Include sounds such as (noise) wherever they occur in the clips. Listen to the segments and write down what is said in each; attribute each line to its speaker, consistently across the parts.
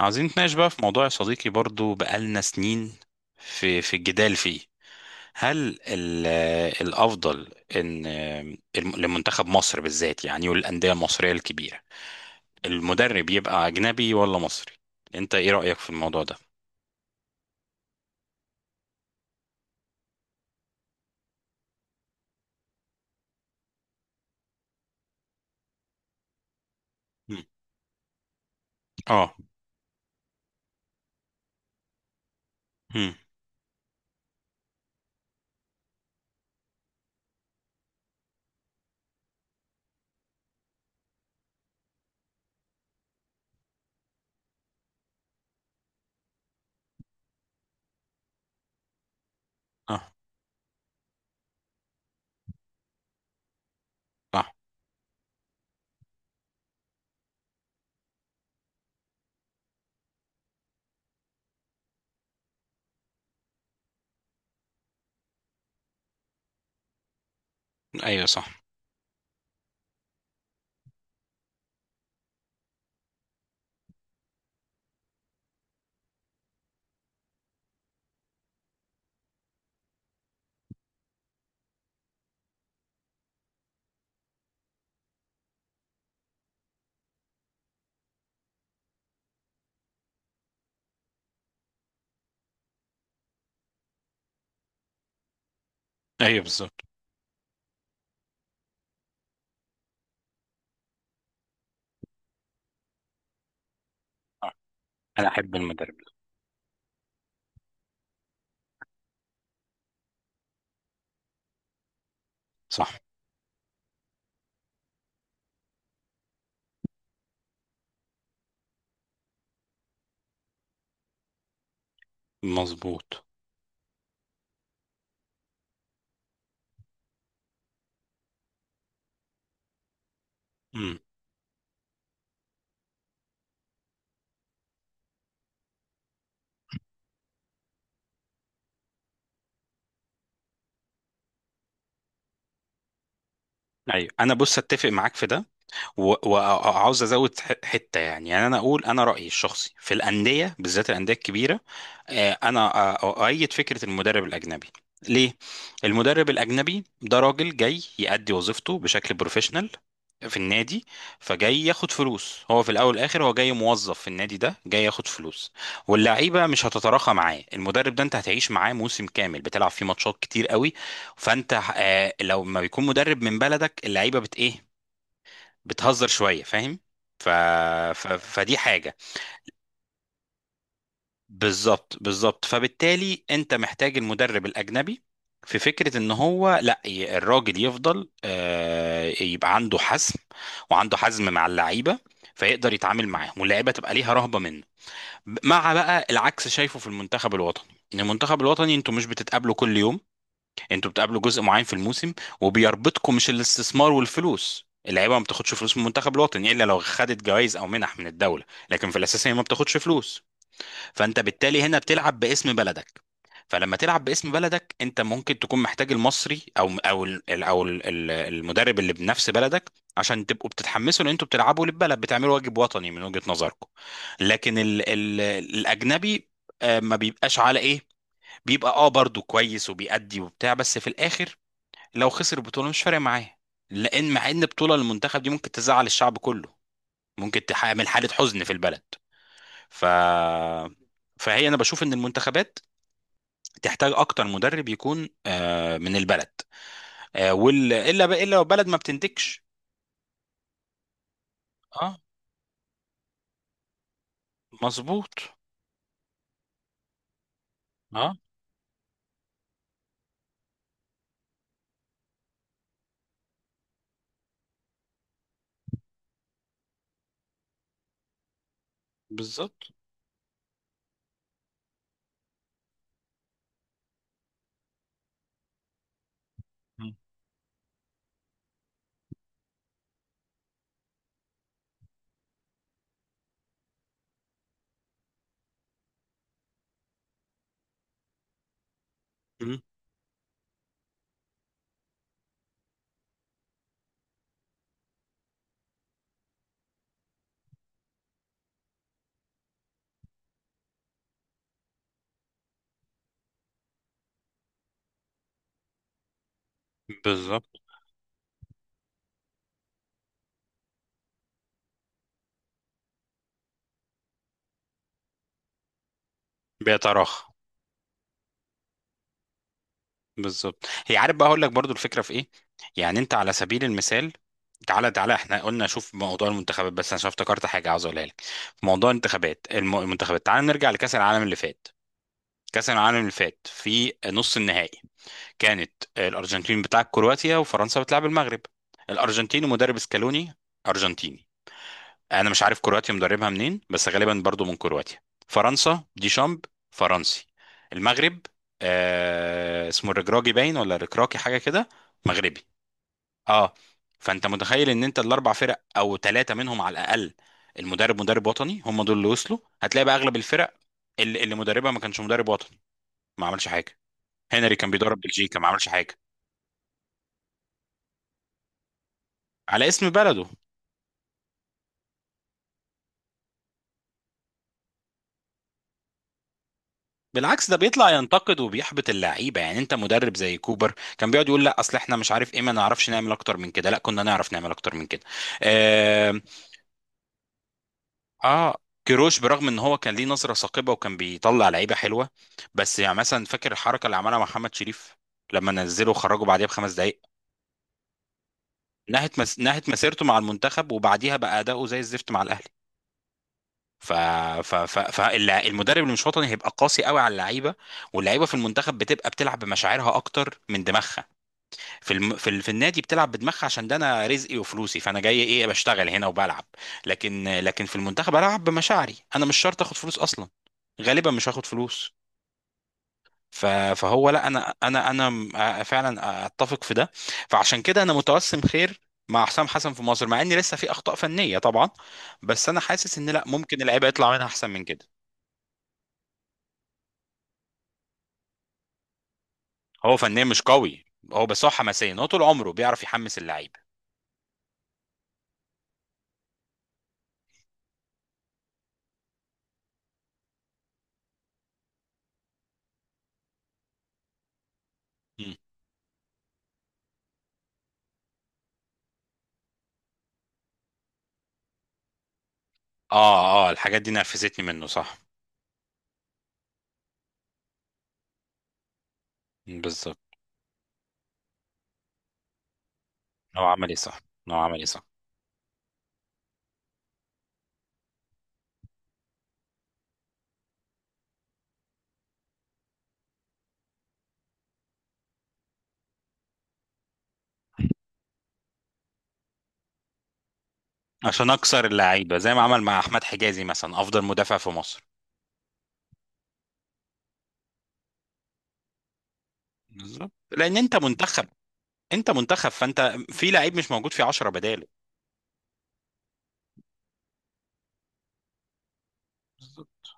Speaker 1: عاوزين نتناقش بقى في موضوع يا صديقي، برضو بقالنا سنين في الجدال فيه. هل ال- الأفضل إن لمنتخب مصر بالذات، يعني، والأندية المصرية الكبيرة، المدرب يبقى أجنبي ولا مصري؟ أنت إيه رأيك في الموضوع ده؟ مم. آه. مم. آه، صح. أيوه، صح. أيوه، بالظبط. آه. أنا أحب المدرب ده. صح. مظبوط. مم. أيوه، أنا بص أتفق معاك في ده. و- وعاوز ازود حته. يعني انا اقول انا رايي الشخصي في الانديه، بالذات الانديه الكبيره. انا اؤيد فكره المدرب الاجنبي. ليه؟ المدرب الاجنبي ده راجل جاي يأدي وظيفته بشكل بروفيشنال في النادي. فجاي ياخد فلوس، هو في الاول والاخر هو جاي موظف في النادي ده جاي ياخد فلوس. واللعيبه مش هتتراخى معاه. المدرب ده انت هتعيش معاه موسم كامل، بتلعب فيه ماتشات كتير قوي. فانت لو ما بيكون مدرب من بلدك اللعيبه بت ايه، بتهزر شويه، فاهم. ف... فدي حاجه. بالظبط، بالظبط. فبالتالي انت محتاج المدرب الاجنبي في فكره ان هو لا، الراجل يفضل يبقى عنده حزم، وعنده حزم مع اللعيبه، فيقدر يتعامل معاهم واللعيبه تبقى ليها رهبه منه. مع بقى العكس شايفه في المنتخب الوطني، ان المنتخب الوطني انتوا مش بتتقابلوا كل يوم، انتوا بتقابلوا جزء معين في الموسم، وبيربطكم مش الاستثمار والفلوس. اللعيبه ما بتاخدش فلوس من المنتخب الوطني الا لو خدت جوائز او منح من الدوله، لكن في الاساس هي ما بتاخدش فلوس. فانت بالتالي هنا بتلعب باسم بلدك. فلما تلعب باسم بلدك انت ممكن تكون محتاج المصري، او المدرب اللي بنفس بلدك، عشان تبقوا بتتحمسوا ان انتوا بتلعبوا للبلد، بتعملوا واجب وطني من وجهة نظركم. لكن ال ال الاجنبي ما بيبقاش على ايه، بيبقى برضو كويس، وبيأدي وبتاع، بس في الاخر لو خسر البطوله مش فارق معاه. لان مع ان بطوله المنتخب دي ممكن تزعل الشعب كله، ممكن تعمل حاله حزن في البلد. ف فهي انا بشوف ان المنتخبات تحتاج اكتر مدرب يكون من البلد. الا بقى الا لو بلد ما بتنتجش. اه، مظبوط. اه، بالظبط. مم. مم. بالظبط. بيتراخى. بالظبط. هي، عارف بقى اقول لك برضو الفكره في ايه، يعني انت على سبيل المثال، تعالى تعالى، احنا قلنا شوف موضوع المنتخبات، بس انا عشان افتكرت حاجه عاوز اقولها لك. في موضوع الانتخابات المنتخبات، تعالى نرجع لكاس العالم اللي فات. كاس العالم اللي فات، في نص النهائي كانت الارجنتين بتلعب كرواتيا وفرنسا بتلعب المغرب. الارجنتين ومدرب سكالوني ارجنتيني، انا مش عارف كرواتيا مدربها منين بس غالبا برضو من كرواتيا. فرنسا ديشامب، فرنسي. المغرب اسمه الركراكي، باين ولا الركراكي حاجه كده، مغربي. اه. فانت متخيل ان انت الاربع فرق او ثلاثه منهم على الاقل المدرب مدرب وطني، هم دول اللي وصلوا. هتلاقي بقى اغلب الفرق اللي مدربها ما كانش مدرب وطني، ما عملش حاجه. هنري كان بيدرب بلجيكا، ما عملش حاجه. على اسم بلده. بالعكس ده بيطلع ينتقد وبيحبط اللعيبه، يعني انت مدرب زي كوبر كان بيقعد يقول: لا اصل احنا مش عارف ايه، ما نعرفش نعمل اكتر من كده، لا كنا نعرف نعمل اكتر من كده. اه. آه. كيروش برغم ان هو كان ليه نظره ثاقبه وكان بيطلع لعيبه حلوه، بس يعني مثلا فاكر الحركه اللي عملها محمد شريف، لما نزله وخرجه بعديها بـ5 دقائق. نهت مسيرته مع المنتخب، وبعديها بقى اداؤه زي الزفت مع الاهلي. ف... فالمدرب اللي مش وطني هيبقى قاسي قوي على اللعيبه. واللعيبه في المنتخب بتبقى بتلعب بمشاعرها اكتر من دماغها. في الم... في, ال... في النادي بتلعب بدماغها عشان ده انا رزقي وفلوسي، فانا جاي ايه بشتغل هنا وبلعب. لكن في المنتخب العب بمشاعري، انا مش شرط اخد فلوس اصلا، غالبا مش هاخد فلوس. ف... فهو لا، انا فعلا اتفق في ده. فعشان كده انا متوسم خير مع حسام حسن في مصر، مع ان لسه في اخطاء فنيه طبعا، بس انا حاسس ان لا، ممكن اللعيبه يطلع منها احسن من كده. هو فنيا مش قوي، هو بس حماسيا، هو طول عمره بيعرف يحمس اللعيبه. مم. اه، اه، الحاجات دي نرفزتني منه، صح. بالظبط. هو عمل ايه، صح. هو عمل ايه، صح. عشان اكسر اللعيبه زي ما عمل مع احمد حجازي مثلا، افضل مدافع في مصر. بالظبط، لان انت منتخب. انت منتخب، فانت في لعيب مش موجود، في 10 بداله. بالظبط.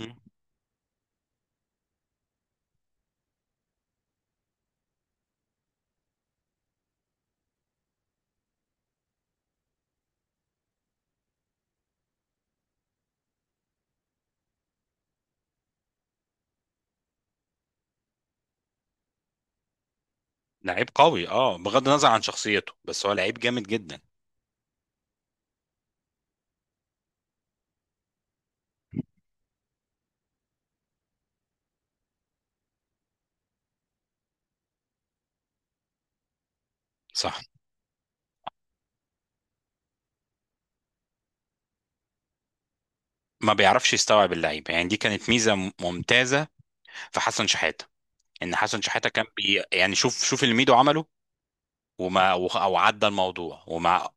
Speaker 1: مم. لعيب قوي اه، بغض النظر عن شخصيته، بس هو لعيب جامد جدا. صح. ما بيعرفش يستوعب اللعيبه. يعني دي كانت ميزه ممتازه في حسن شحاته، ان حسن شحاته كان يعني شوف شوف اللي ميدو عمله، وما او عدى الموضوع وما.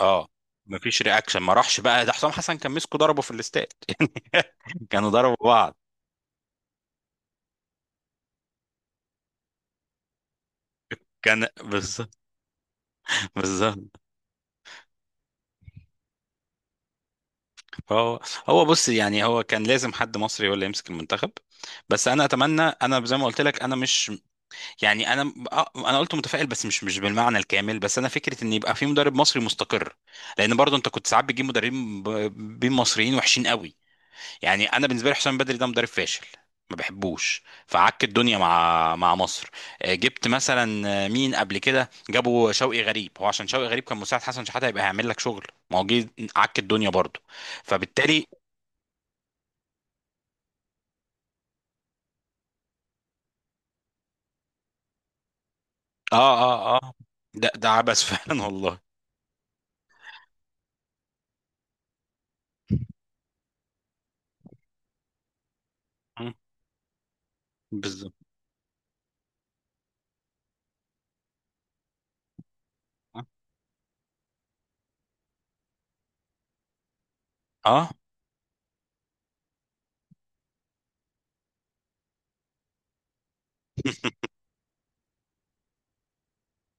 Speaker 1: اه، مفيش رياكشن، ما راحش بقى. ده حسام حسن كان مسكه ضربه في الاستاد (laughs) يعني كانوا ضربوا بعض. كان بالظبط، بالظبط. هو هو بص، يعني هو كان لازم حد مصري هو اللي يمسك المنتخب. بس انا اتمنى، انا زي ما قلت لك انا مش يعني، انا انا قلت متفائل بس مش بالمعنى الكامل، بس انا فكره ان يبقى في مدرب مصري مستقر. لان برضو انت كنت ساعات بتجيب مدربين بين مصريين وحشين قوي. يعني انا بالنسبه لي حسام بدري ده مدرب فاشل، ما بحبوش، فعك الدنيا مع مصر. جبت مثلا، مين قبل كده، جابوا شوقي غريب هو عشان شوقي غريب كان مساعد حسن شحاته هيبقى هيعمل لك شغل. ما هو جه عك الدنيا برضه. فبالتالي. اه، اه، اه، ده عبث (laughs) فعلا والله. مم. بالظبط. اه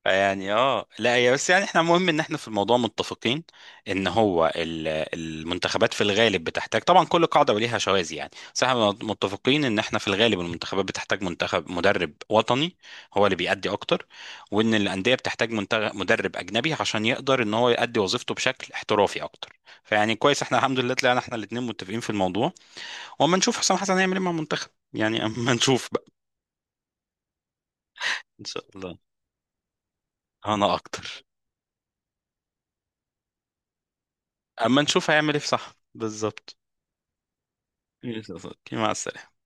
Speaker 1: يعني، اه لا، هي بس يعني احنا مهم ان احنا في الموضوع متفقين، ان هو المنتخبات في الغالب بتحتاج، طبعا كل قاعده وليها شواذ يعني، بس احنا متفقين ان احنا في الغالب المنتخبات بتحتاج منتخب مدرب وطني، هو اللي بيأدي اكتر. وان الانديه بتحتاج منتخب مدرب اجنبي عشان يقدر ان هو يأدي وظيفته بشكل احترافي اكتر. فيعني كويس احنا الحمد لله طلعنا احنا الاثنين متفقين في الموضوع. واما نشوف حسام حسن هيعمل ايه مع المنتخب، يعني اما نشوف بقى. ان شاء الله. انا اكتر. اما نشوف هيعمل ايه في. صح، بالظبط. يا صديقي، مع السلامة.